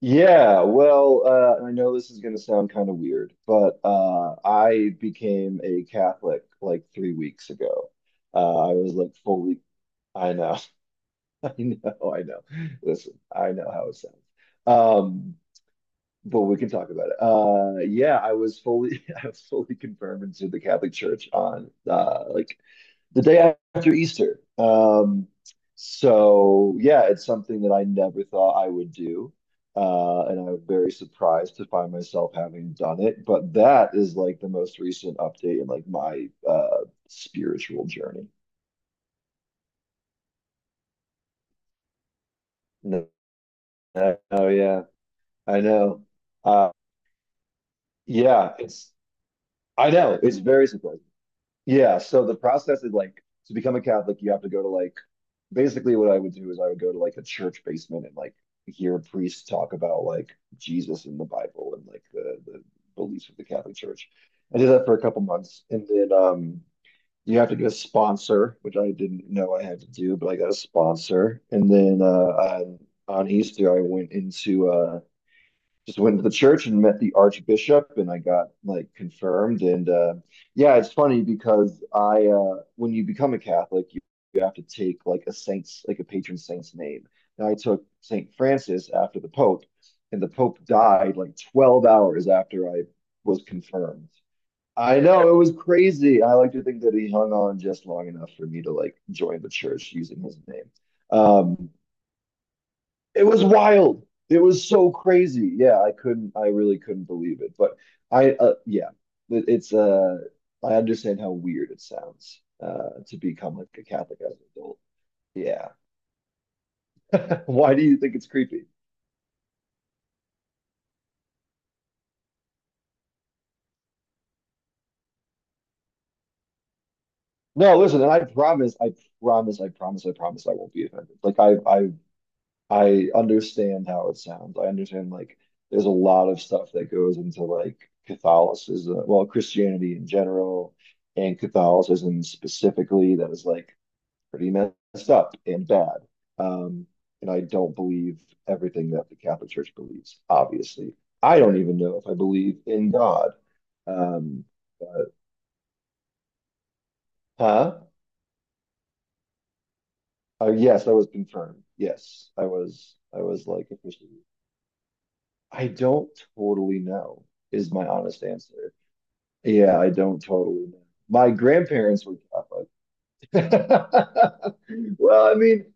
Yeah, well, I know this is going to sound kind of weird, but I became a Catholic like 3 weeks ago. I was like fully, I know, I know, I know. Listen, I know how it sounds. Um, but we can talk about it. Yeah, I was fully confirmed into the Catholic Church on like the day after Easter. So yeah, it's something that I never thought I would do. And I was very surprised to find myself having done it. But that is like the most recent update in like my spiritual journey. No, no, oh yeah, I know. Uh, yeah, it's I know it's very surprising. Yeah, so the process is like to become a Catholic, you have to go to like basically what I would do is I would go to like a church basement and like hear priests talk about like Jesus and the Bible and like the beliefs of the Catholic Church. I did that for a couple months, and then you have to get a sponsor, which I didn't know I had to do, but I got a sponsor, and then on Easter I went into just went to the church and met the archbishop and I got like confirmed. And yeah, it's funny because I when you become a Catholic, you have to take like a saint's, like, a patron saint's name, and I took Saint Francis after the Pope. And the Pope died like 12 hours after I was confirmed. I know it was crazy. I like to think that he hung on just long enough for me to like join the church using his name. um it was wild. It was so crazy. Yeah, I really couldn't believe it. But yeah, it, it's, uh, I understand how weird it sounds, to become like a Catholic as an adult. Yeah. Why do you think it's creepy? No, listen, and I promise, I promise, I promise, I promise I won't be offended. Like I understand how it sounds. I understand like there's a lot of stuff that goes into like Catholicism, well, Christianity in general and Catholicism specifically that is like pretty messed up and bad. Um, and I don't believe everything that the Catholic Church believes, obviously. I don't even know if I believe in God. Um, but, huh? Yes, I was confirmed. Yes, I was. I was like officially. I don't totally know. Is my honest answer. Yeah, I don't totally know. My grandparents were Catholic. Well, I mean,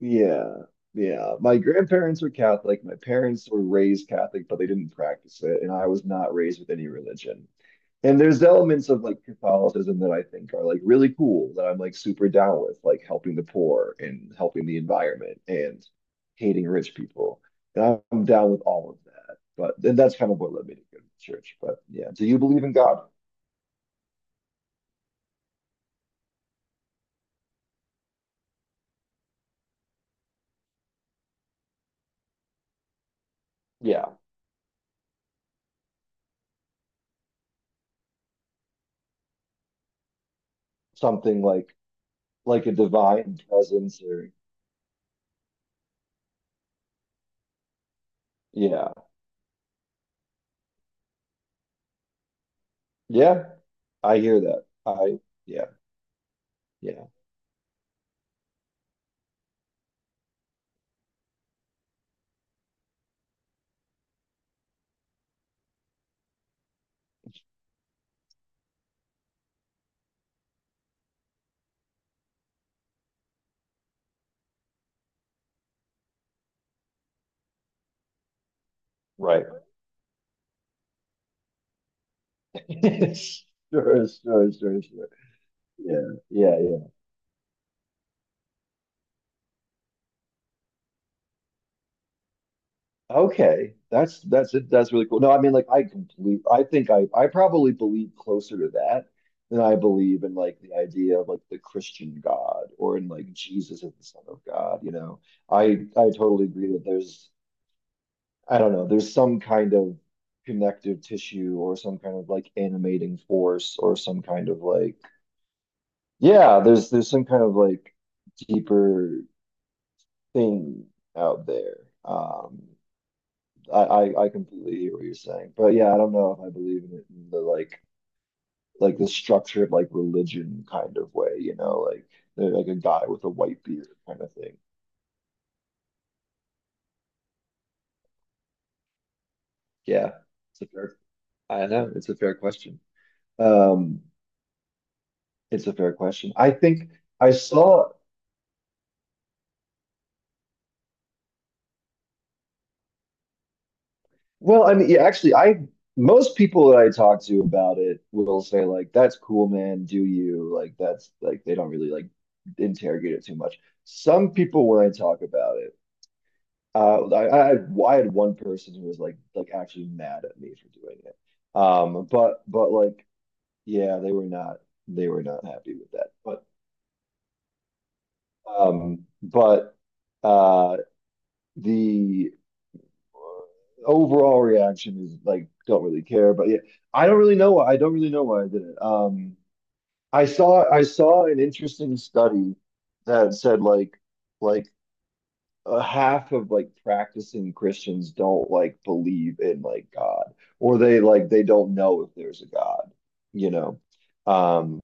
yeah, yeah. My grandparents were Catholic. My parents were raised Catholic, but they didn't practice it, and I was not raised with any religion. And there's elements of like Catholicism that I think are like really cool that I'm like super down with, like helping the poor and helping the environment and hating rich people. And I'm down with all of that. But and that's kind of what led me to go to church. But yeah, do you believe in God? Yeah, something like a divine presence, or yeah. Yeah, I hear that. I Yeah, yeah, right. Sure, sure, sure, sure. Yeah, yeah, yeah. Okay, that's it. That's really cool. No, I mean, like, I complete. I think I probably believe closer to that than I believe in like the idea of like the Christian God or in like Jesus as the Son of God. You know, I I totally agree that there's I don't know, there's some kind of connective tissue or some kind of like animating force or some kind of like yeah, there's some kind of like deeper thing out there. Um, I completely hear what you're saying, but yeah, I don't know if I believe in it in the like the structured like religion kind of way, you know, like they're like a guy with a white beard kind of thing. Yeah, it's a fair. I know it's a fair question. Um, it's a fair question. I think I saw. Well, I mean, yeah, actually, I most people that I talk to about it will say, like, "That's cool, man. Do you like that's like they don't really like interrogate it too much." Some people, when I talk about it, I had one person who was like actually mad at me for doing it. But like yeah, they were not happy with that. But um, but uh, the overall reaction is like don't really care. But yeah, I don't really know why I did it. I saw an interesting study that said like like a half of like practicing Christians don't like believe in like god or they like they don't know if there's a God you know um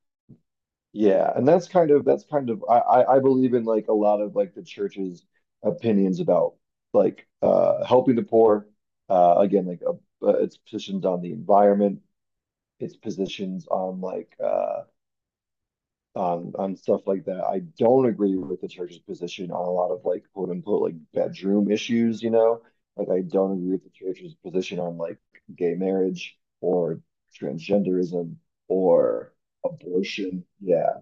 yeah, and that's kind of I believe in like a lot of like the church's opinions about like helping the poor. Again, like its positions on the environment, its positions on like on stuff like that. I don't agree with the church's position on a lot of like quote unquote like bedroom issues, you know? Like I don't agree with the church's position on like gay marriage or transgenderism or abortion. Yeah.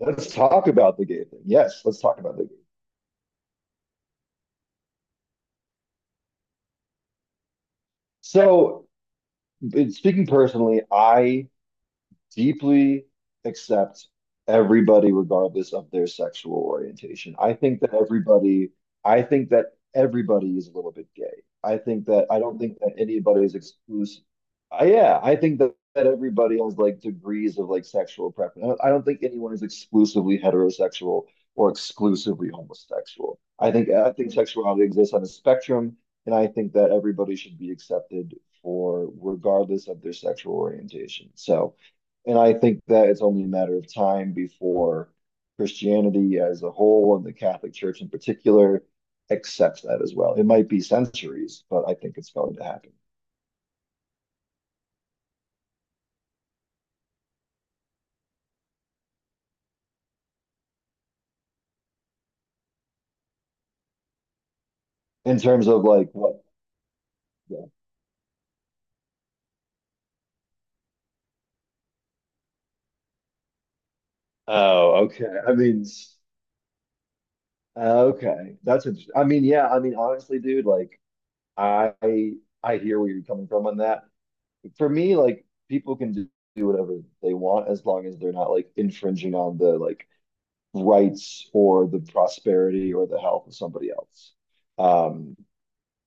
Let's talk about the gay thing. Yes, let's talk about the gay thing. So, speaking personally, I deeply accept everybody regardless of their sexual orientation. I think that everybody is a little bit gay. I don't think that anybody is exclusive. Yeah, I think that everybody has like degrees of like sexual preference. I don't think anyone is exclusively heterosexual or exclusively homosexual. I think sexuality exists on a spectrum, and I think that everybody should be accepted for regardless of their sexual orientation. So, and I think that it's only a matter of time before Christianity as a whole and the Catholic Church in particular accepts that as well. It might be centuries, but I think it's going to happen. In terms of like what? Yeah. Oh, okay. I mean, okay. That's interesting. I mean, yeah, I mean, honestly, dude, like I I hear where you're coming from on that. For me, like people can do whatever they want as long as they're not like infringing on the like rights or the prosperity or the health of somebody else. Um,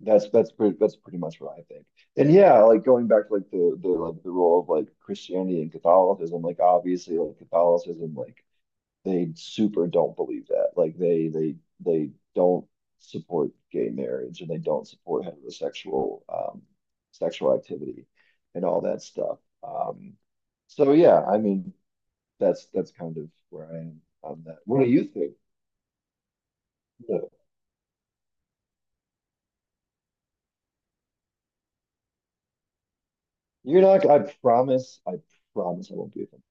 that's pretty much what I think. And yeah, like going back to like the role of like Christianity and Catholicism, like obviously like Catholicism, like they super don't believe that. Like they don't support gay marriage and they don't support heterosexual sexual activity and all that stuff. Um so yeah, I mean that's kind of where I am on that. What do you think? Look, you're not. I promise. I promise I won't be offended.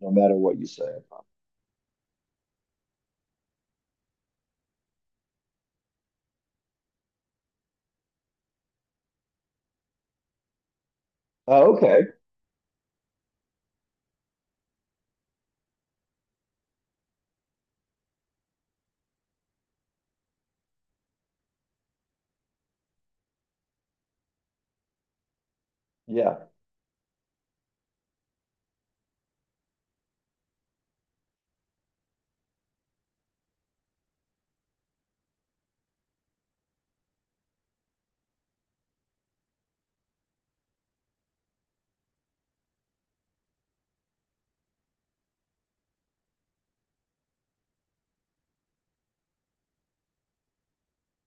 No matter what you say, I promise. Oh, okay. Yeah.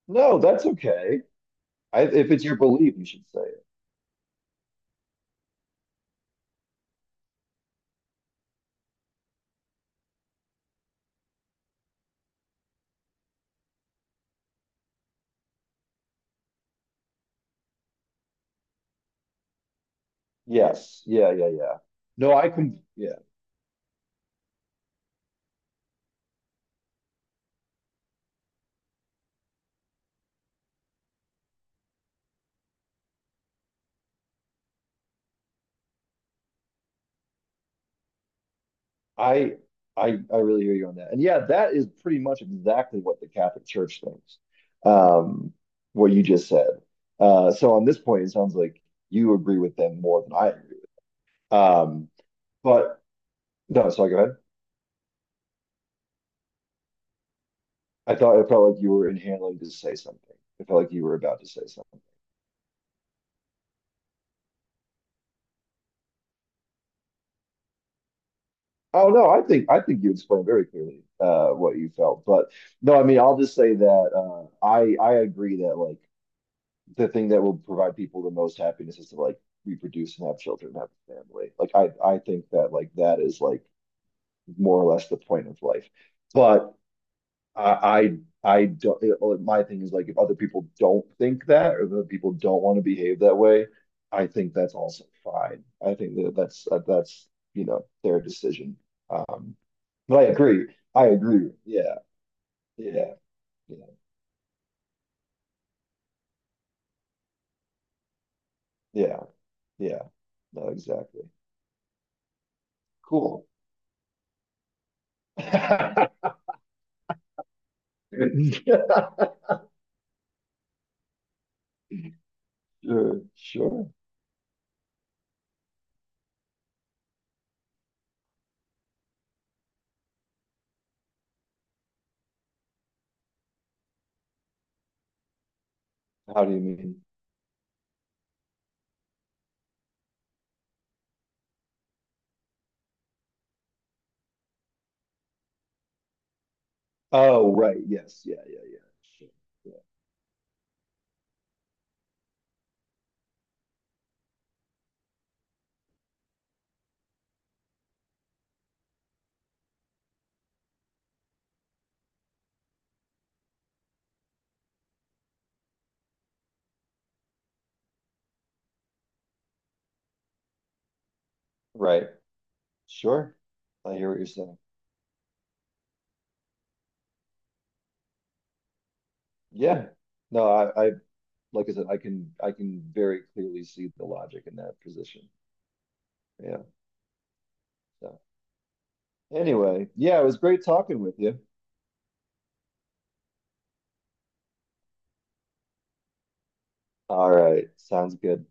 No, that's okay. If it's your belief, you should say it. Yes. Yeah. Yeah. Yeah. No, I can. Yeah. I. I really hear you on that. And yeah, that is pretty much exactly what the Catholic Church thinks. Um, what you just said. So on this point, it sounds like you agree with them more than I agree. Um, but no. Sorry. Go ahead. I thought it felt like you were inhaling to say something. It felt like you were about to say something. Oh no, I think you explained very clearly what you felt. But no, I mean, I'll just say that I agree that like the thing that will provide people the most happiness is to like reproduce and have children, have a family. Like I think that like that is like more or less the point of life. But I don't. Like, my thing is like if other people don't think that, or if other people don't want to behave that way, I think that's also fine. I think that that's their decision. Um, but I agree. I agree. Yeah. Yeah. Yeah. Yeah. Yeah. No, exactly. Cool. Sure. Sure. How do you mean? Oh, right. Yes. Yeah. Yeah. Yeah. Sure. Yeah. Right. Sure. I hear what you're saying. Yeah, no, like I said, I can very clearly see the logic in that position. Yeah. So anyway, yeah, it was great talking with you. All right, sounds good.